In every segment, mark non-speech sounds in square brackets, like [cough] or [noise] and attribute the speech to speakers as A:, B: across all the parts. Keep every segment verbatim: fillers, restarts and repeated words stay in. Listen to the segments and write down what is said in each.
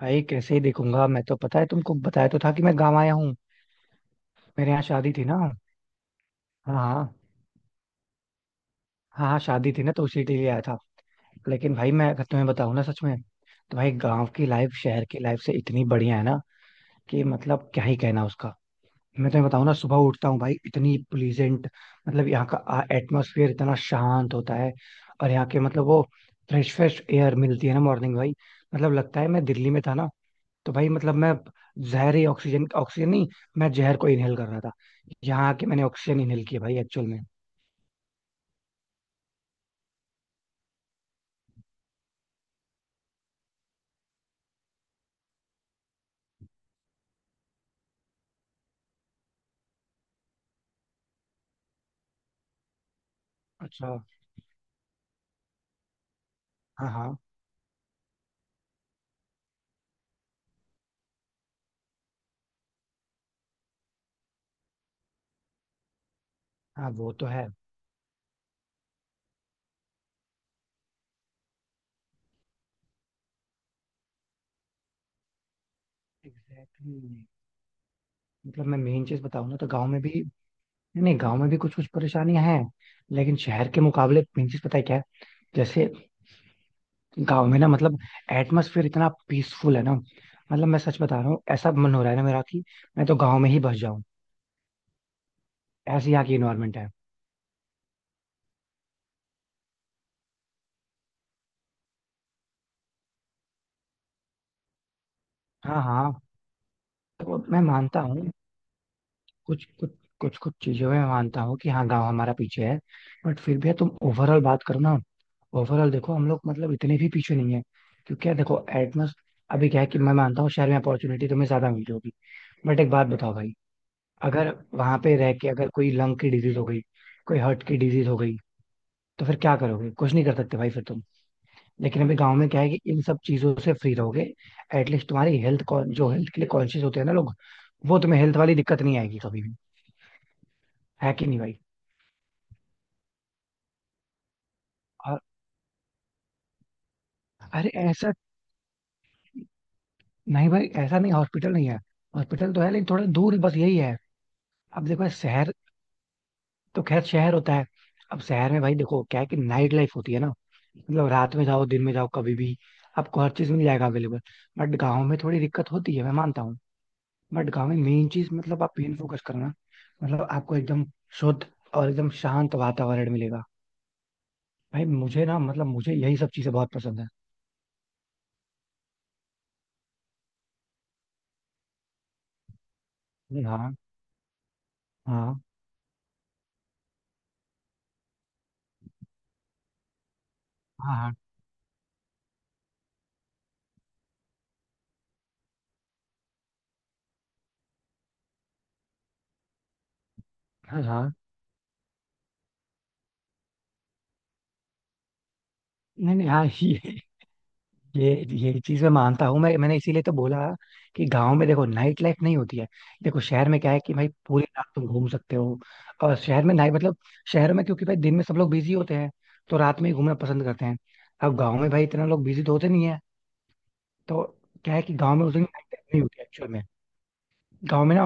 A: भाई कैसे ही देखूंगा मैं, तो पता है तुमको बताया तो था कि मैं गाँव आया हूँ। मेरे यहाँ शादी थी ना। हाँ हाँ हाँ। हाँ, शादी थी ना तो उसी के लिए आया था। लेकिन भाई मैं अगर तुम्हें बताऊँ ना, सच में तो भाई गाँव की लाइफ शहर की लाइफ से इतनी बढ़िया है ना कि मतलब क्या ही कहना उसका। मैं तुम्हें बताऊँ ना, सुबह उठता हूँ भाई, इतनी प्लीजेंट, मतलब यहाँ का एटमोसफियर इतना शांत होता है। और यहाँ के मतलब वो फ्रेश फ्रेश एयर मिलती है ना मॉर्निंग भाई। मतलब लगता है मैं दिल्ली में था ना, तो भाई मतलब मैं जहरी ऑक्सीजन, ऑक्सीजन नहीं, मैं जहर को इनहेल कर रहा था। यहाँ आके मैंने ऑक्सीजन इनहेल किया भाई, एक्चुअल में। अच्छा। हाँ हाँ हाँ। वो तो है। Exactly exactly। मतलब मैं मेन चीज बताऊँ ना तो गांव में भी, नहीं नहीं, गांव में भी कुछ कुछ परेशानियां हैं, लेकिन शहर के मुकाबले मेन चीज पता है क्या है? जैसे गांव में ना मतलब एटमोसफियर इतना पीसफुल है ना। मतलब मैं सच बता रहा हूँ, ऐसा मन हो रहा है ना मेरा कि मैं तो गांव में ही बस जाऊं। ऐसी यहाँ की इन्वायरमेंट है। हाँ हाँ। तो मैं मानता हूँ कुछ कुछ कुछ कुछ चीजों में मैं मानता हूँ कि हाँ, गांव हमारा पीछे है। बट फिर भी यार, तुम ओवरऑल बात करो ना, ओवरऑल देखो हम लोग मतलब इतने भी पीछे नहीं है। क्योंकि यार देखो, एटमोस्ट अभी क्या है कि मैं मानता हूँ शहर में अपॉर्चुनिटी तुम्हें ज्यादा मिल होगी, बट एक बात बताओ भाई, अगर वहां पे रह के अगर कोई लंग की डिजीज हो गई, कोई हार्ट की डिजीज हो गई, तो फिर क्या करोगे, कुछ नहीं कर सकते भाई फिर तुम। लेकिन अभी गांव में क्या है कि इन सब चीजों से फ्री रहोगे। एटलीस्ट तुम्हारी हेल्थ, जो हेल्थ के लिए कॉन्शियस होते हैं ना लोग, वो तुम्हें हेल्थ वाली दिक्कत नहीं आएगी कभी भी। है कि नहीं भाई? अरे ऐसा नहीं भाई, ऐसा नहीं, हॉस्पिटल नहीं है, हॉस्पिटल तो है लेकिन थोड़ा दूर है, बस यही है। अब देखो शहर, तो खैर शहर होता है। अब शहर में भाई देखो क्या है कि नाइट लाइफ होती है ना, मतलब रात में जाओ दिन में जाओ कभी भी आपको हर चीज मिल जाएगा अवेलेबल। बट गाँव में थोड़ी दिक्कत होती है, मैं मानता हूँ। बट गाँव में मेन चीज मतलब आप मेन फोकस करना, मतलब आपको एकदम शुद्ध और एकदम शांत वातावरण मिलेगा। भाई मुझे ना मतलब मुझे यही सब चीजें बहुत पसंद है। हाँ हाँ हाँ हाँ हाँ हाँ। नहीं नहीं, हाँ [laughs] ये ये ये चीज मैं मानता हूँ, मैं मैंने इसीलिए तो बोला कि गांव में देखो नाइट लाइफ नहीं होती है। देखो शहर में क्या है कि भाई पूरी रात तुम घूम सकते हो। और शहर में नाइट मतलब, शहर में क्योंकि भाई दिन में सब लोग बिजी होते हैं तो रात में ही घूमना पसंद करते हैं। अब गांव में भाई इतना लोग बिजी तो होते नहीं है, तो क्या है कि गांव में उस दिन नाइट लाइफ नहीं होती एक्चुअल में। गाँव में ना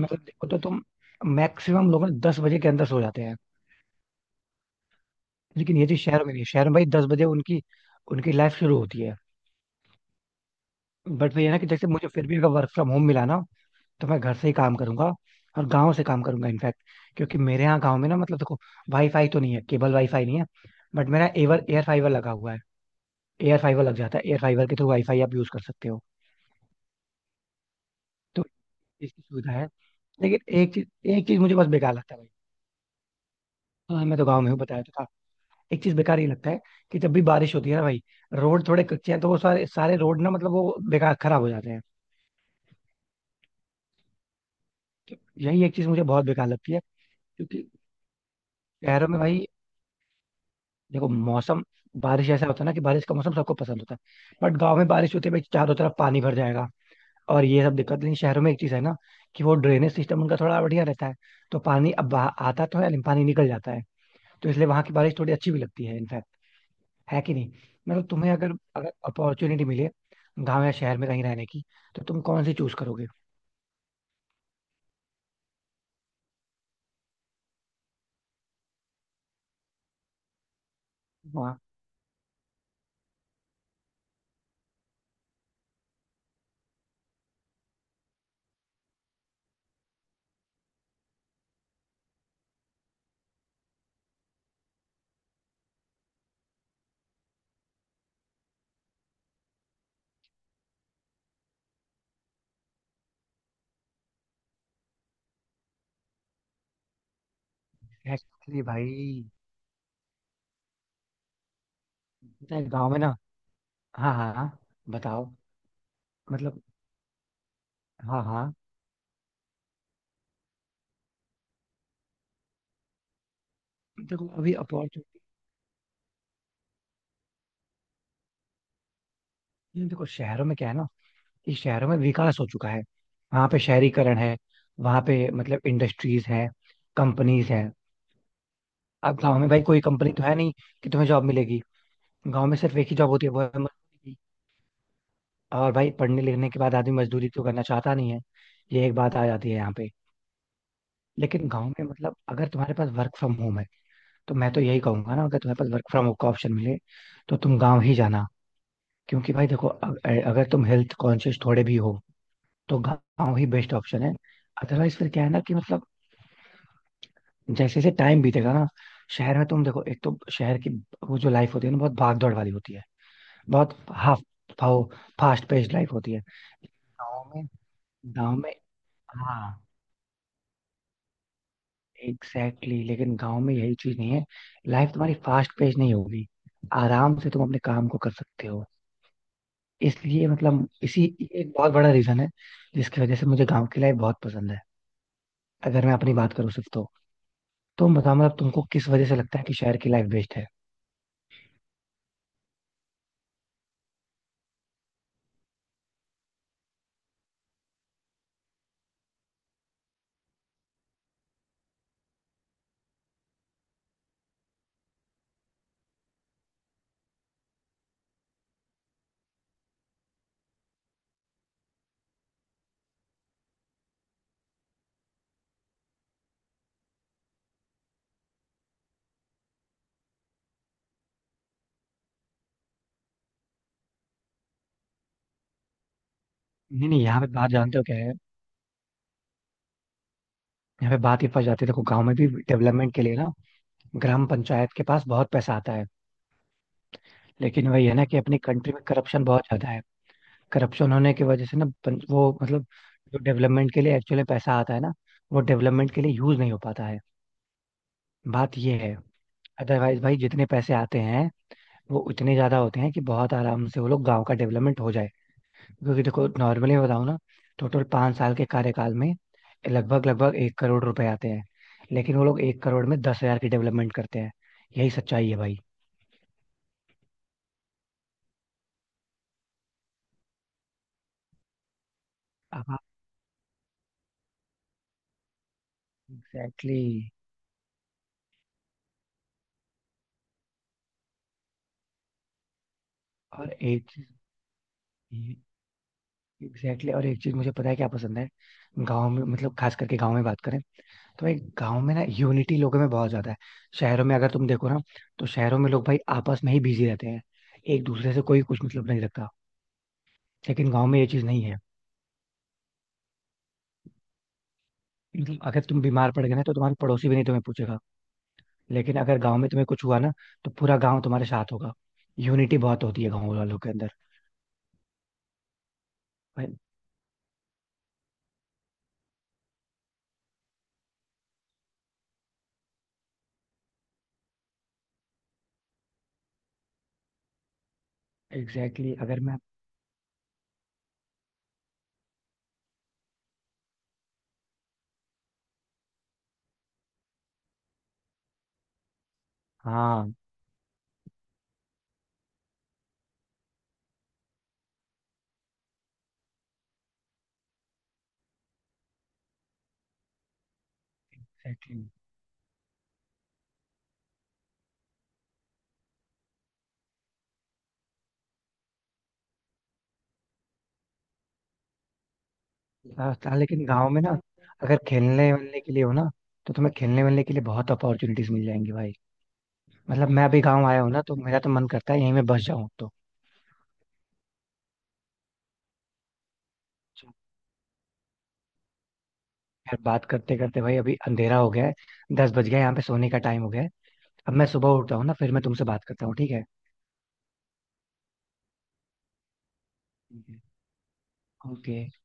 A: मतलब देखो तो तुम, मैक्सिमम लोग ना दस बजे के अंदर सो जाते हैं। लेकिन ये चीज शहर में नहीं है, शहर में भाई दस बजे उनकी उनकी लाइफ शुरू होती है। बट भैया ना कि जैसे मुझे फिर भी अगर वर्क फ्रॉम होम मिला ना, तो मैं घर से ही काम करूंगा, और गांव से काम करूंगा इनफैक्ट। क्योंकि मेरे यहाँ गांव में ना मतलब देखो, वाईफाई तो नहीं है, केबल वाईफाई नहीं है, बट मेरा एवर एयर फाइबर लगा हुआ है। एयर फाइबर लग जाता है, एयर फाइबर के थ्रू वाईफाई आप यूज कर सकते हो, तो इसकी सुविधा है। लेकिन एक चीज एक चीज मुझे बस बेकार लगता है भाई। हाँ मैं तो गाँव में हूँ, बताया तो था। एक चीज बेकार ये लगता है कि जब भी बारिश होती है ना भाई, रोड थोड़े कच्चे हैं तो वो सारे सारे रोड ना मतलब वो बेकार खराब हो जाते हैं, तो यही एक चीज मुझे बहुत बेकार लगती है। क्योंकि शहरों में भाई देखो मौसम, बारिश ऐसा होता है ना कि बारिश का मौसम सबको पसंद होता है, बट गांव में बारिश होते भाई चारों तरफ पानी भर जाएगा। और ये सब दिक्कत नहीं शहरों में, एक चीज है ना कि वो ड्रेनेज सिस्टम उनका थोड़ा बढ़िया रहता है, तो पानी अब बाहर आता तो है लेकिन पानी निकल जाता है। तो इसलिए वहां की बारिश थोड़ी अच्छी भी लगती है इनफैक्ट। है कि नहीं? मतलब तुम्हें अगर अगर अपॉर्चुनिटी मिले गाँव या शहर में कहीं रहने की, तो तुम कौन सी चूज करोगे? वहाँ एक्चुअली भाई, पता है गाँव में ना, हाँ हाँ हाँ, बताओ मतलब, हाँ हाँ, देखो अभी अपॉर्चुनिटी, देखो शहरों में क्या है ना कि शहरों में विकास हो चुका है, वहां पे शहरीकरण है, वहां पे मतलब इंडस्ट्रीज हैं, कंपनीज हैं। अब गाँव में भाई कोई कंपनी तो है नहीं कि तुम्हें जॉब मिलेगी। गाँव में सिर्फ एक ही जॉब होती है, वो है मजदूरी। और भाई पढ़ने लिखने के बाद आदमी मजदूरी तो करना चाहता नहीं है। ये एक बात आ जाती है यहाँ पे। लेकिन गाँव में मतलब अगर तुम्हारे पास वर्क फ्रॉम होम है, तो मैं तो यही कहूंगा ना, अगर तुम्हारे पास वर्क फ्रॉम होम का ऑप्शन मिले तो तुम गाँव ही जाना। क्योंकि भाई देखो, अ- अगर तुम हेल्थ कॉन्शियस थोड़े भी हो तो गाँव ही बेस्ट ऑप्शन है। अदरवाइज फिर क्या है ना कि मतलब जैसे जैसे टाइम बीतेगा ना, शहर में तुम देखो एक तो शहर की वो जो लाइफ होती है ना, बहुत भाग दौड़ वाली होती है, बहुत हाफ फाओ फास्ट पेस्ड लाइफ होती है। गाँव में गाँव में हाँ एग्जैक्टली exactly, लेकिन गाँव में यही चीज नहीं है। लाइफ तुम्हारी फास्ट पेस्ड नहीं होगी, आराम से तुम अपने काम को कर सकते हो। इसलिए मतलब इसी, एक बहुत बड़ा रीजन है जिसकी वजह से मुझे गाँव की लाइफ बहुत पसंद है, अगर मैं अपनी बात करूँ सिर्फ तो। तुम बताओ मतलब, तुमको किस वजह से लगता है कि शहर की लाइफ बेस्ट है? नहीं नहीं, यहाँ पे बात जानते हो क्या है, यहाँ पे बात ये फंस जाती है, देखो गांव में भी डेवलपमेंट के लिए ना ग्राम पंचायत के पास बहुत पैसा आता है। लेकिन वही है ना कि अपनी कंट्री में करप्शन बहुत ज्यादा है, करप्शन होने की वजह से ना पं- वो मतलब जो डेवलपमेंट के लिए एक्चुअली पैसा आता है ना, वो डेवलपमेंट के लिए यूज नहीं हो पाता है। बात ये है। अदरवाइज भाई जितने पैसे आते हैं वो उतने ज्यादा होते हैं कि बहुत आराम से वो लोग गाँव का डेवलपमेंट हो जाए। क्योंकि देखो नॉर्मली बताऊं ना, टोटल पांच साल के कार्यकाल में लगभग लगभग एक करोड़ रुपए आते हैं। लेकिन वो लोग एक करोड़ में दस हजार की डेवलपमेंट करते हैं, यही सच्चाई है भाई। हाँ एग्जैक्टली exactly। और एक चीज, एग्जैक्टली exactly, और एक चीज मुझे पता है क्या पसंद है? गांव में, मतलब खास करके गांव में बात करें तो भाई, गांव में ना यूनिटी लोगों में बहुत ज्यादा है। शहरों में अगर तुम देखो ना, तो शहरों में लोग भाई आपस में ही बिजी रहते हैं, एक दूसरे से कोई कुछ मतलब नहीं रखता। लेकिन गांव में ये चीज नहीं है, मतलब अगर तुम बीमार पड़ गए ना तो तुम्हारे पड़ोसी भी नहीं तुम्हें पूछेगा। लेकिन अगर गांव में तुम्हें कुछ हुआ ना तो पूरा गांव तुम्हारे साथ होगा, यूनिटी बहुत होती है गांव वालों के अंदर भाई। एग्जैक्टली exactly, अगर मैं, हाँ एग्जैक्टली, हाँ हाँ, लेकिन गांव में ना, अगर खेलने वेलने के लिए हो ना तो तुम्हें खेलने वेलने के लिए बहुत अपॉर्चुनिटीज मिल जाएंगी भाई। मतलब मैं अभी गांव आया हूँ ना तो मेरा तो मन करता है यहीं में बस जाऊं तो। यार बात करते करते भाई अभी अंधेरा हो गया है, दस बज गया है, यहाँ पे सोने का टाइम हो गया है। अब मैं सुबह उठता हूँ ना फिर मैं तुमसे बात करता हूँ, ठीक है। ओके।